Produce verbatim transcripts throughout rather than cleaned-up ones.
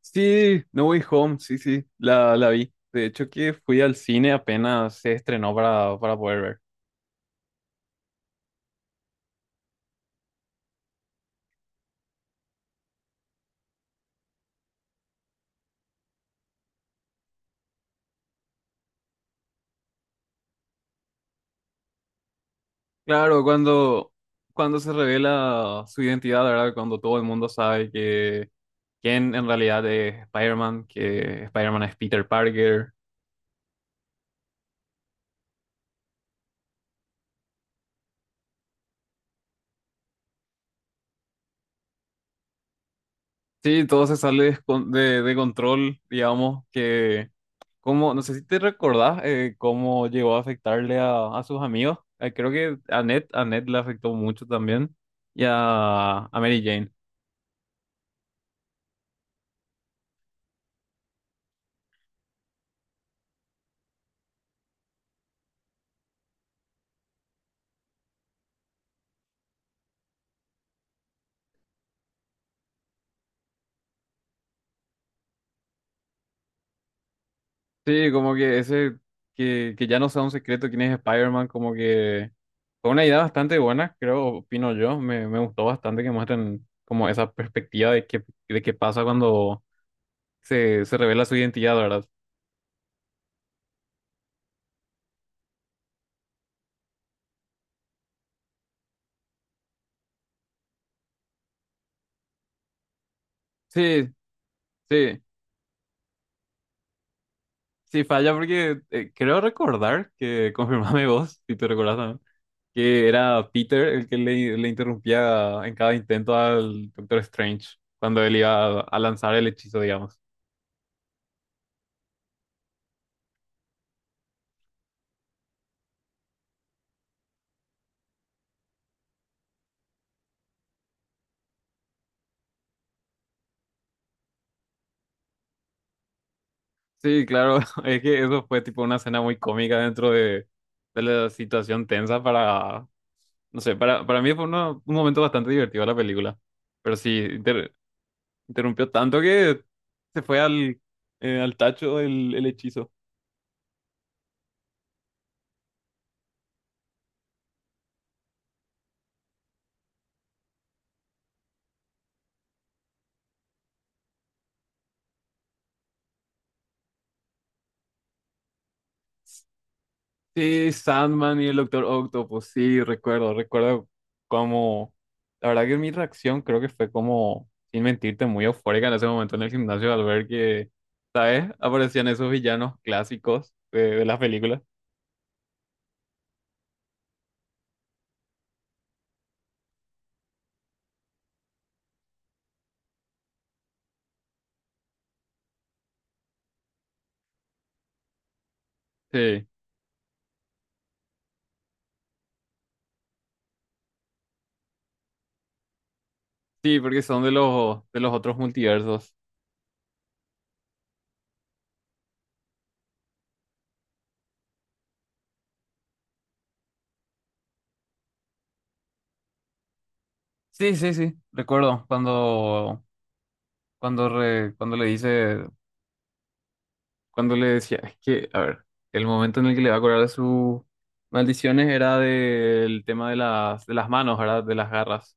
Sí, No Way Home, sí, sí, la, la vi. De hecho que fui al cine apenas se estrenó para, para poder ver. Claro, cuando, cuando se revela su identidad, ¿verdad? Cuando todo el mundo sabe que quién en realidad es Spider-Man, que Spider-Man es Peter Parker. Sí, todo se sale de, de de control, digamos, que... Como, no sé si te recordás eh, cómo llegó a afectarle a, a sus amigos. Eh, creo que a Ned, a Ned le afectó mucho también. Y a, a Mary Jane. Sí, como que ese, que, que ya no sea un secreto quién es Spider-Man, como que fue una idea bastante buena, creo, opino yo. Me, me gustó bastante que muestren como esa perspectiva de qué, de qué pasa cuando se, se revela su identidad, ¿verdad? Sí, sí, sí, falla porque eh, creo recordar que, confirmame vos, si te recordás que era Peter el que le, le interrumpía en cada intento al Doctor Strange cuando él iba a, a lanzar el hechizo, digamos. Sí, claro, es que eso fue tipo una escena muy cómica dentro de, de la situación tensa para, no sé, para, para mí fue una- un momento bastante divertido la película, pero sí, inter- interrumpió tanto que se fue al, eh, al tacho el, el hechizo. Sí, Sandman y el Doctor Octopus, sí, recuerdo, recuerdo como, la verdad que mi reacción creo que fue como, sin mentirte, muy eufórica en ese momento en el gimnasio al ver que, ¿sabes? Aparecían esos villanos clásicos de, de las películas. Sí, sí, porque son de los, de los otros multiversos. Sí, sí, sí, recuerdo cuando, cuando, re- cuando le dice, cuando le decía, es que, a ver, el momento en el que le va a curar de sus maldiciones era del tema de las, de las manos, ¿verdad? De las garras.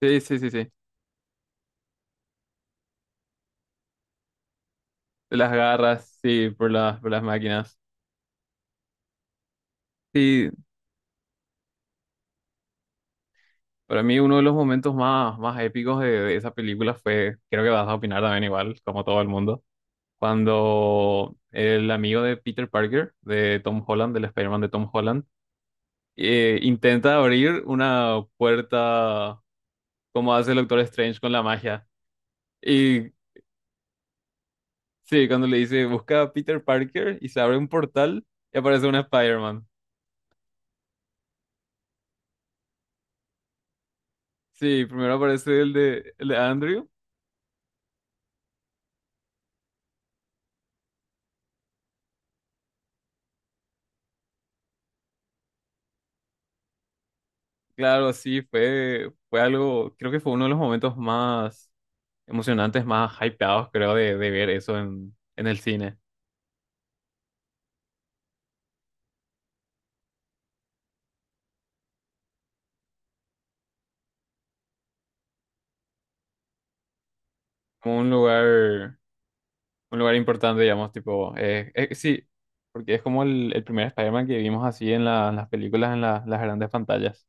Sí, sí, sí, sí. De las garras, sí, por las, por las máquinas. Sí, para mí uno de los momentos más, más épicos de, de esa película fue, creo que vas a opinar también igual, como todo el mundo, cuando el amigo de Peter Parker, de Tom Holland, del Spider-Man de Tom Holland, eh, intenta abrir una puerta como hace el Doctor Strange con la magia. Y sí, cuando le dice busca a Peter Parker y se abre un portal y aparece una Spider-Man. Sí, primero aparece el de, el de Andrew. Claro, sí, fue, fue algo, creo que fue uno de los momentos más emocionantes, más hypeados, creo, de, de ver eso en, en el cine. Como un lugar, un lugar importante, digamos, tipo, eh, eh, sí, porque es como el, el primer Spider-Man que vimos así en la- en las películas, en la- las grandes pantallas.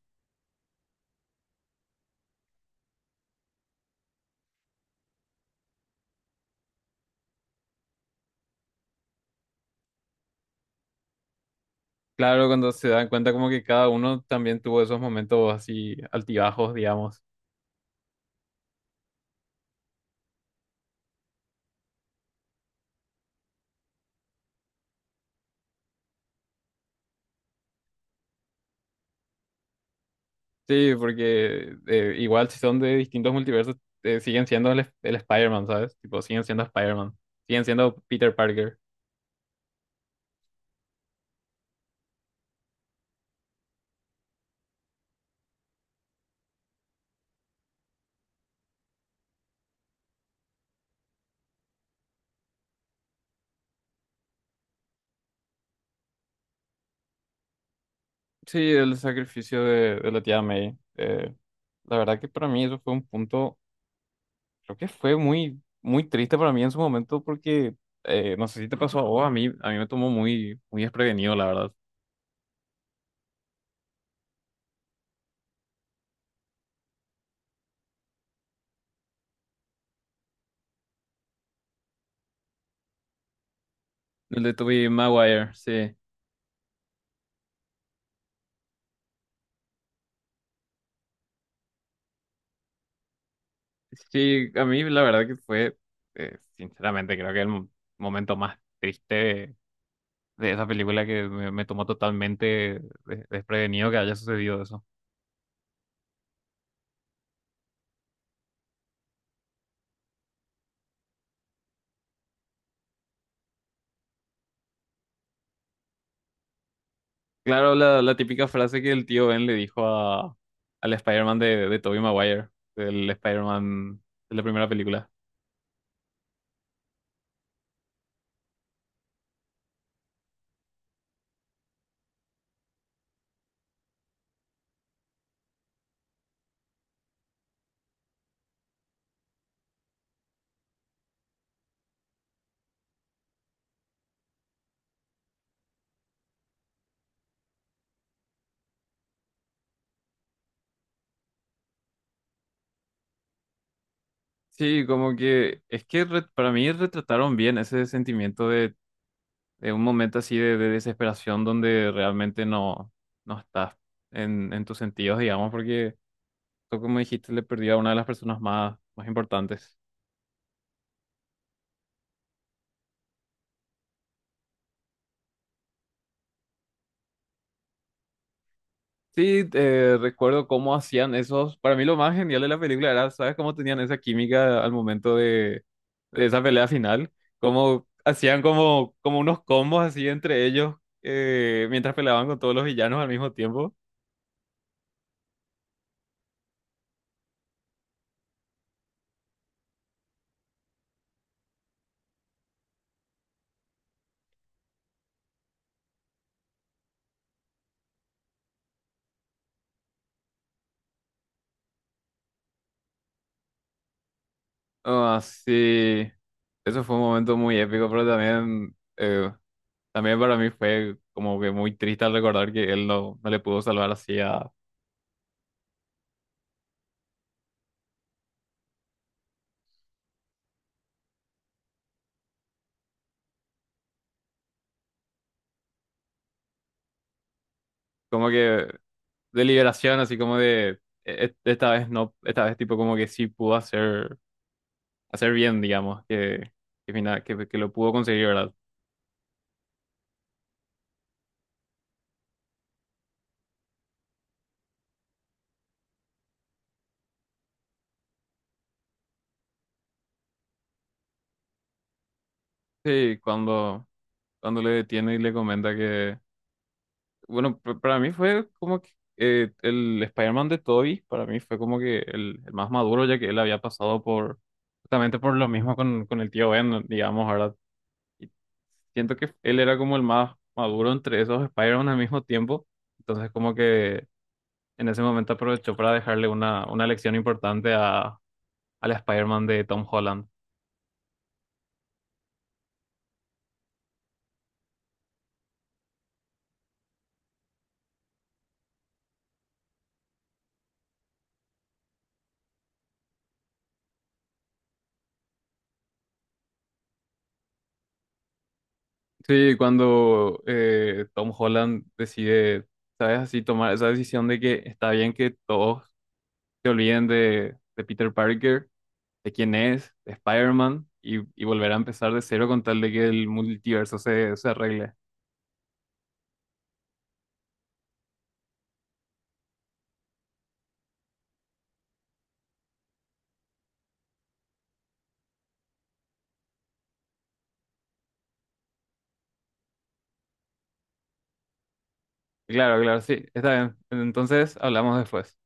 Claro, cuando se dan cuenta como que cada uno también tuvo esos momentos así altibajos, digamos. Sí, porque eh, igual si son de distintos multiversos, eh, siguen siendo el, el Spider-Man, ¿sabes? Tipo, siguen siendo Spider-Man. Siguen siendo Peter Parker. Sí, el sacrificio de, de la tía May. Eh, la verdad que para mí eso fue un punto, creo que fue muy, muy triste para mí en su momento porque, eh, no sé si te pasó a vos, a mí, a mí me tomó muy, muy desprevenido, la verdad. El de Tobey Maguire, sí. Sí, a mí la verdad que fue, eh, sinceramente, creo que el mo- momento más triste de esa película que me, me tomó totalmente de- desprevenido que haya sucedido eso. Claro, la, la típica frase que el tío Ben le dijo a, al Spider-Man de, de Tobey Maguire, del Spider-Man de la primera película. Sí, como que es que re- para mí retrataron bien ese sentimiento de, de un momento así de, de desesperación donde realmente no, no estás en, en tus sentidos, digamos, porque tú, como dijiste, le perdió a una de las personas más, más importantes. Sí, eh, recuerdo cómo hacían esos. Para mí lo más genial de la película era, ¿sabes cómo tenían esa química al momento de, de esa pelea final? Cómo hacían como, como unos combos así entre ellos eh, mientras peleaban con todos los villanos al mismo tiempo. Ah, sí. Eso fue un momento muy épico, pero también, eh, también para mí fue como que muy triste al recordar que él no, no le pudo salvar así a... Como que de liberación, así como de "E- e, esta vez no, esta vez tipo como que sí pudo hacer, hacer bien, digamos, que, que, fina- que, que lo pudo conseguir, ¿verdad? Sí, cuando, cuando le detiene y le comenta que, bueno, p- para mí fue como que eh, el Spider-Man de Tobey, para mí fue como que el, el más maduro, ya que él había pasado por, justamente por lo mismo con, con el tío Ben, digamos, ¿verdad? Y siento que él era como el más maduro entre esos Spider-Man al mismo tiempo. Entonces, como que en ese momento aprovechó para dejarle una, una lección importante a, al Spider-Man de Tom Holland. Sí, cuando eh, Tom Holland decide, ¿sabes? Así tomar esa decisión de que está bien que todos se olviden de, de Peter Parker, de quién es, de Spider-Man, y, y volver a empezar de cero con tal de que el multiverso se, se arregle. Claro, claro, sí, está bien. Entonces hablamos después.